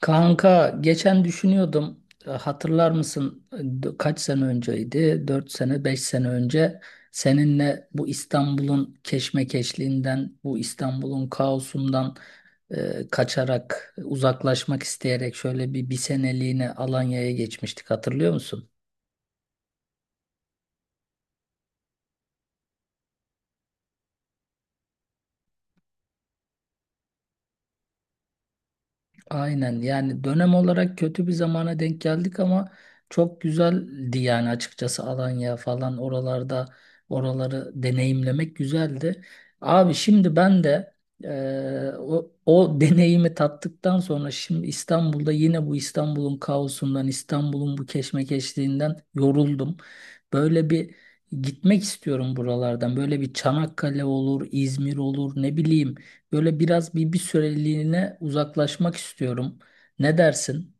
Kanka, geçen düşünüyordum. Hatırlar mısın? Kaç sene önceydi? 4 sene, 5 sene önce seninle bu İstanbul'un keşmekeşliğinden, bu İstanbul'un kaosundan kaçarak, uzaklaşmak isteyerek şöyle bir seneliğine Alanya'ya geçmiştik, hatırlıyor musun? Aynen, yani dönem olarak kötü bir zamana denk geldik ama çok güzeldi yani. Açıkçası Alanya falan, oralarda oraları deneyimlemek güzeldi. Abi, şimdi ben de o deneyimi tattıktan sonra şimdi İstanbul'da yine bu İstanbul'un kaosundan, İstanbul'un bu keşmekeşliğinden yoruldum. Böyle bir gitmek istiyorum buralardan, böyle bir Çanakkale olur, İzmir olur, ne bileyim. Böyle biraz bir süreliğine uzaklaşmak istiyorum. Ne dersin?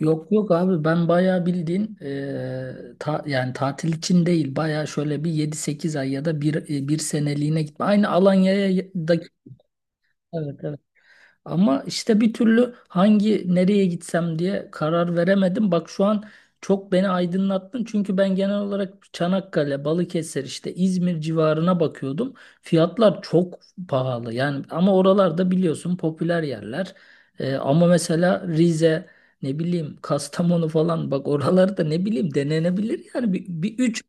Yok yok abi, ben bayağı bildiğin, yani tatil için değil, bayağı şöyle bir 7-8 ay ya da bir seneliğine gitme. Aynı Alanya'ya da, evet, evet. Ama işte bir türlü hangi, nereye gitsem diye karar veremedim. Bak şu an çok beni aydınlattın. Çünkü ben genel olarak Çanakkale, Balıkesir, işte İzmir civarına bakıyordum. Fiyatlar çok pahalı. Yani ama oralarda biliyorsun, popüler yerler. Ama mesela Rize, ne bileyim Kastamonu falan, bak oralarda ne bileyim, denenebilir yani bir üç.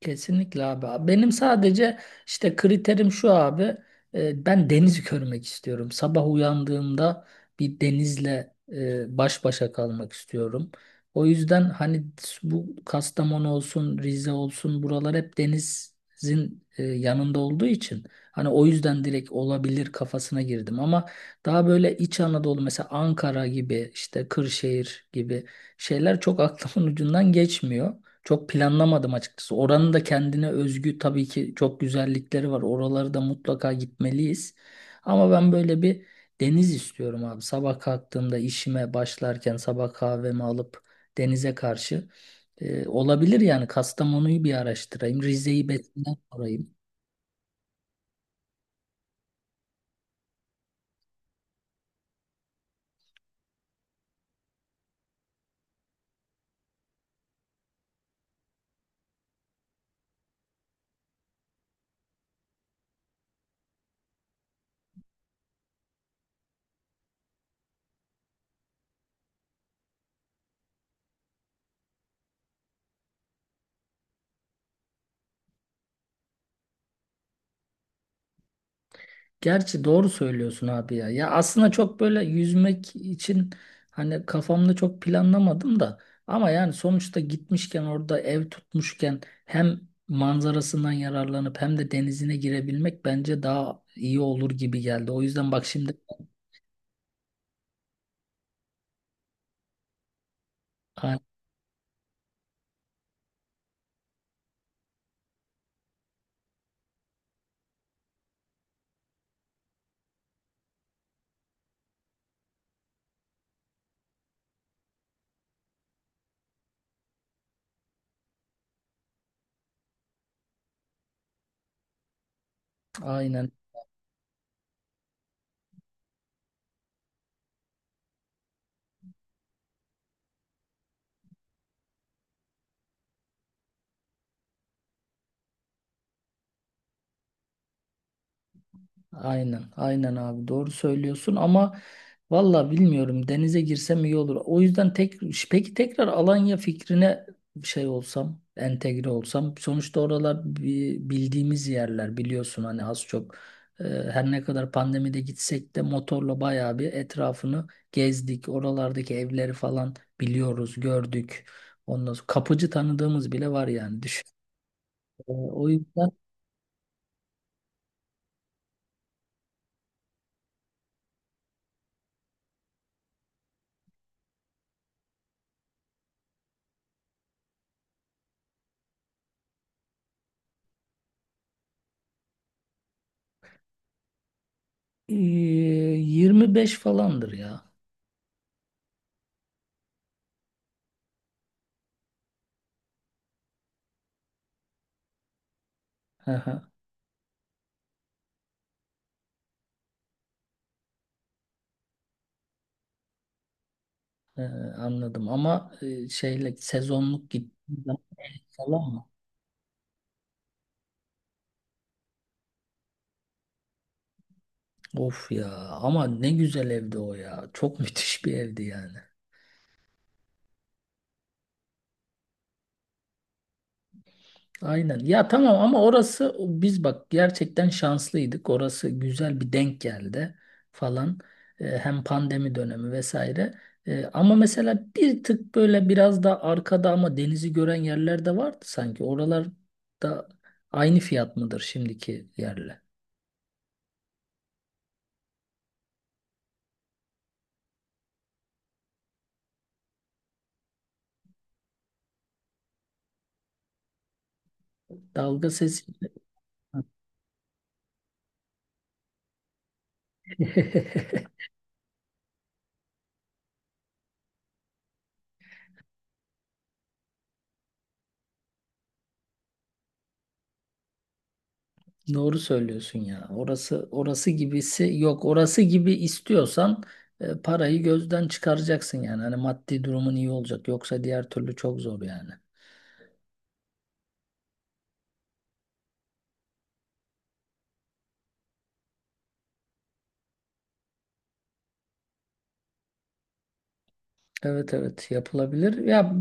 Kesinlikle abi. Abi, benim sadece işte kriterim şu abi. Ben denizi görmek istiyorum. Sabah uyandığımda bir denizle baş başa kalmak istiyorum. O yüzden hani, bu Kastamonu olsun, Rize olsun, buralar hep denizin yanında olduğu için, hani o yüzden direkt olabilir kafasına girdim ama daha böyle İç Anadolu, mesela Ankara gibi, işte Kırşehir gibi şeyler çok aklımın ucundan geçmiyor. Çok planlamadım açıkçası. Oranın da kendine özgü tabii ki çok güzellikleri var. Oraları da mutlaka gitmeliyiz. Ama ben böyle bir deniz istiyorum abi. Sabah kalktığımda işime başlarken sabah kahvemi alıp denize karşı. Olabilir yani, Kastamonu'yu bir araştırayım. Rize'yi besinler sorayım. Gerçi doğru söylüyorsun abi ya. Ya aslında çok böyle yüzmek için hani kafamda çok planlamadım da, ama yani sonuçta gitmişken, orada ev tutmuşken hem manzarasından yararlanıp hem de denizine girebilmek bence daha iyi olur gibi geldi. O yüzden bak şimdi, A- aynen. Aynen, aynen abi, doğru söylüyorsun ama valla bilmiyorum, denize girsem iyi olur. O yüzden tek, peki tekrar Alanya fikrine şey olsam, entegre olsam. Sonuçta oralar bildiğimiz yerler, biliyorsun hani az çok. Her ne kadar pandemide gitsek de motorla bayağı bir etrafını gezdik. Oralardaki evleri falan biliyoruz, gördük. Ondan sonra kapıcı tanıdığımız bile var yani, düşün. O yüzden 25 falandır ya. Ee, Anladım ama şeyle sezonluk gittiğim zaman falan mı? Of ya, ama ne güzel evdi o ya. Çok müthiş bir evdi yani. Aynen. Ya tamam, ama orası, biz bak gerçekten şanslıydık. Orası güzel bir denk geldi falan. Hem pandemi dönemi vesaire. Ama mesela bir tık böyle biraz da arkada ama denizi gören yerler de vardı sanki. Oralar da aynı fiyat mıdır şimdiki yerle? Dalga sesi. Doğru söylüyorsun ya. Orası, orası gibisi yok. Orası gibi istiyorsan parayı gözden çıkaracaksın yani. Hani maddi durumun iyi olacak. Yoksa diğer türlü çok zor yani. Evet, evet, yapılabilir. Ya,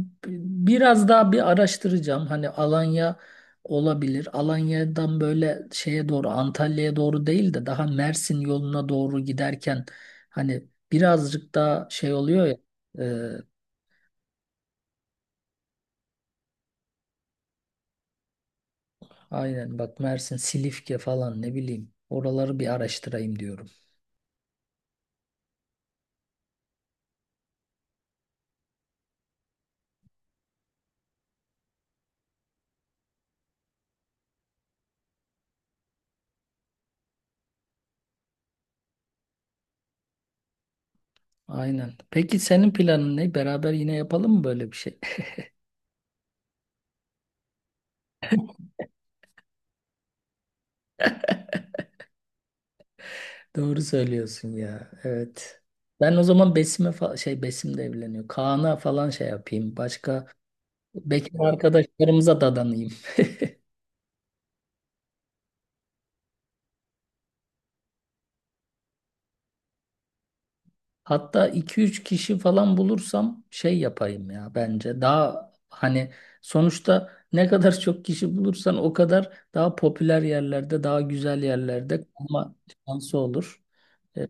biraz daha bir araştıracağım. Hani Alanya olabilir. Alanya'dan böyle şeye doğru, Antalya'ya doğru değil de daha Mersin yoluna doğru giderken hani birazcık daha şey oluyor ya. e, Aynen bak, Mersin, Silifke falan, ne bileyim. Oraları bir araştırayım diyorum. Aynen. Peki senin planın ne? Beraber yine yapalım mı böyle bir şey? Doğru söylüyorsun ya. Evet. Ben o zaman Besim'e, şey, Besim de evleniyor. Kaan'a falan şey yapayım. Başka bekar arkadaşlarımıza dadanayım. Hatta iki üç kişi falan bulursam şey yapayım ya, bence. Daha hani sonuçta ne kadar çok kişi bulursan o kadar daha popüler yerlerde, daha güzel yerlerde kalma şansı olur. E,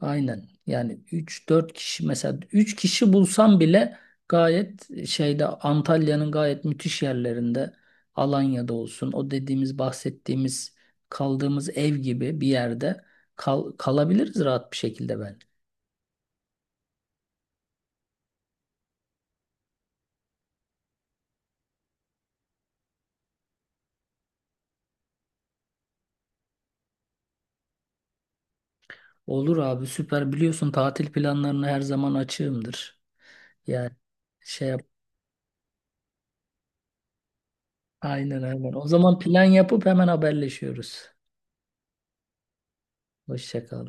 aynen. Yani üç dört kişi, mesela 3 kişi bulsam bile gayet şeyde, Antalya'nın gayet müthiş yerlerinde, Alanya'da olsun, o dediğimiz, bahsettiğimiz, kaldığımız ev gibi bir yerde kalabiliriz rahat bir şekilde bence. Olur abi, süper. Biliyorsun, tatil planlarına her zaman açığımdır. Yani şey yap. Aynen, aynen. O zaman plan yapıp hemen haberleşiyoruz. Hoşça kal.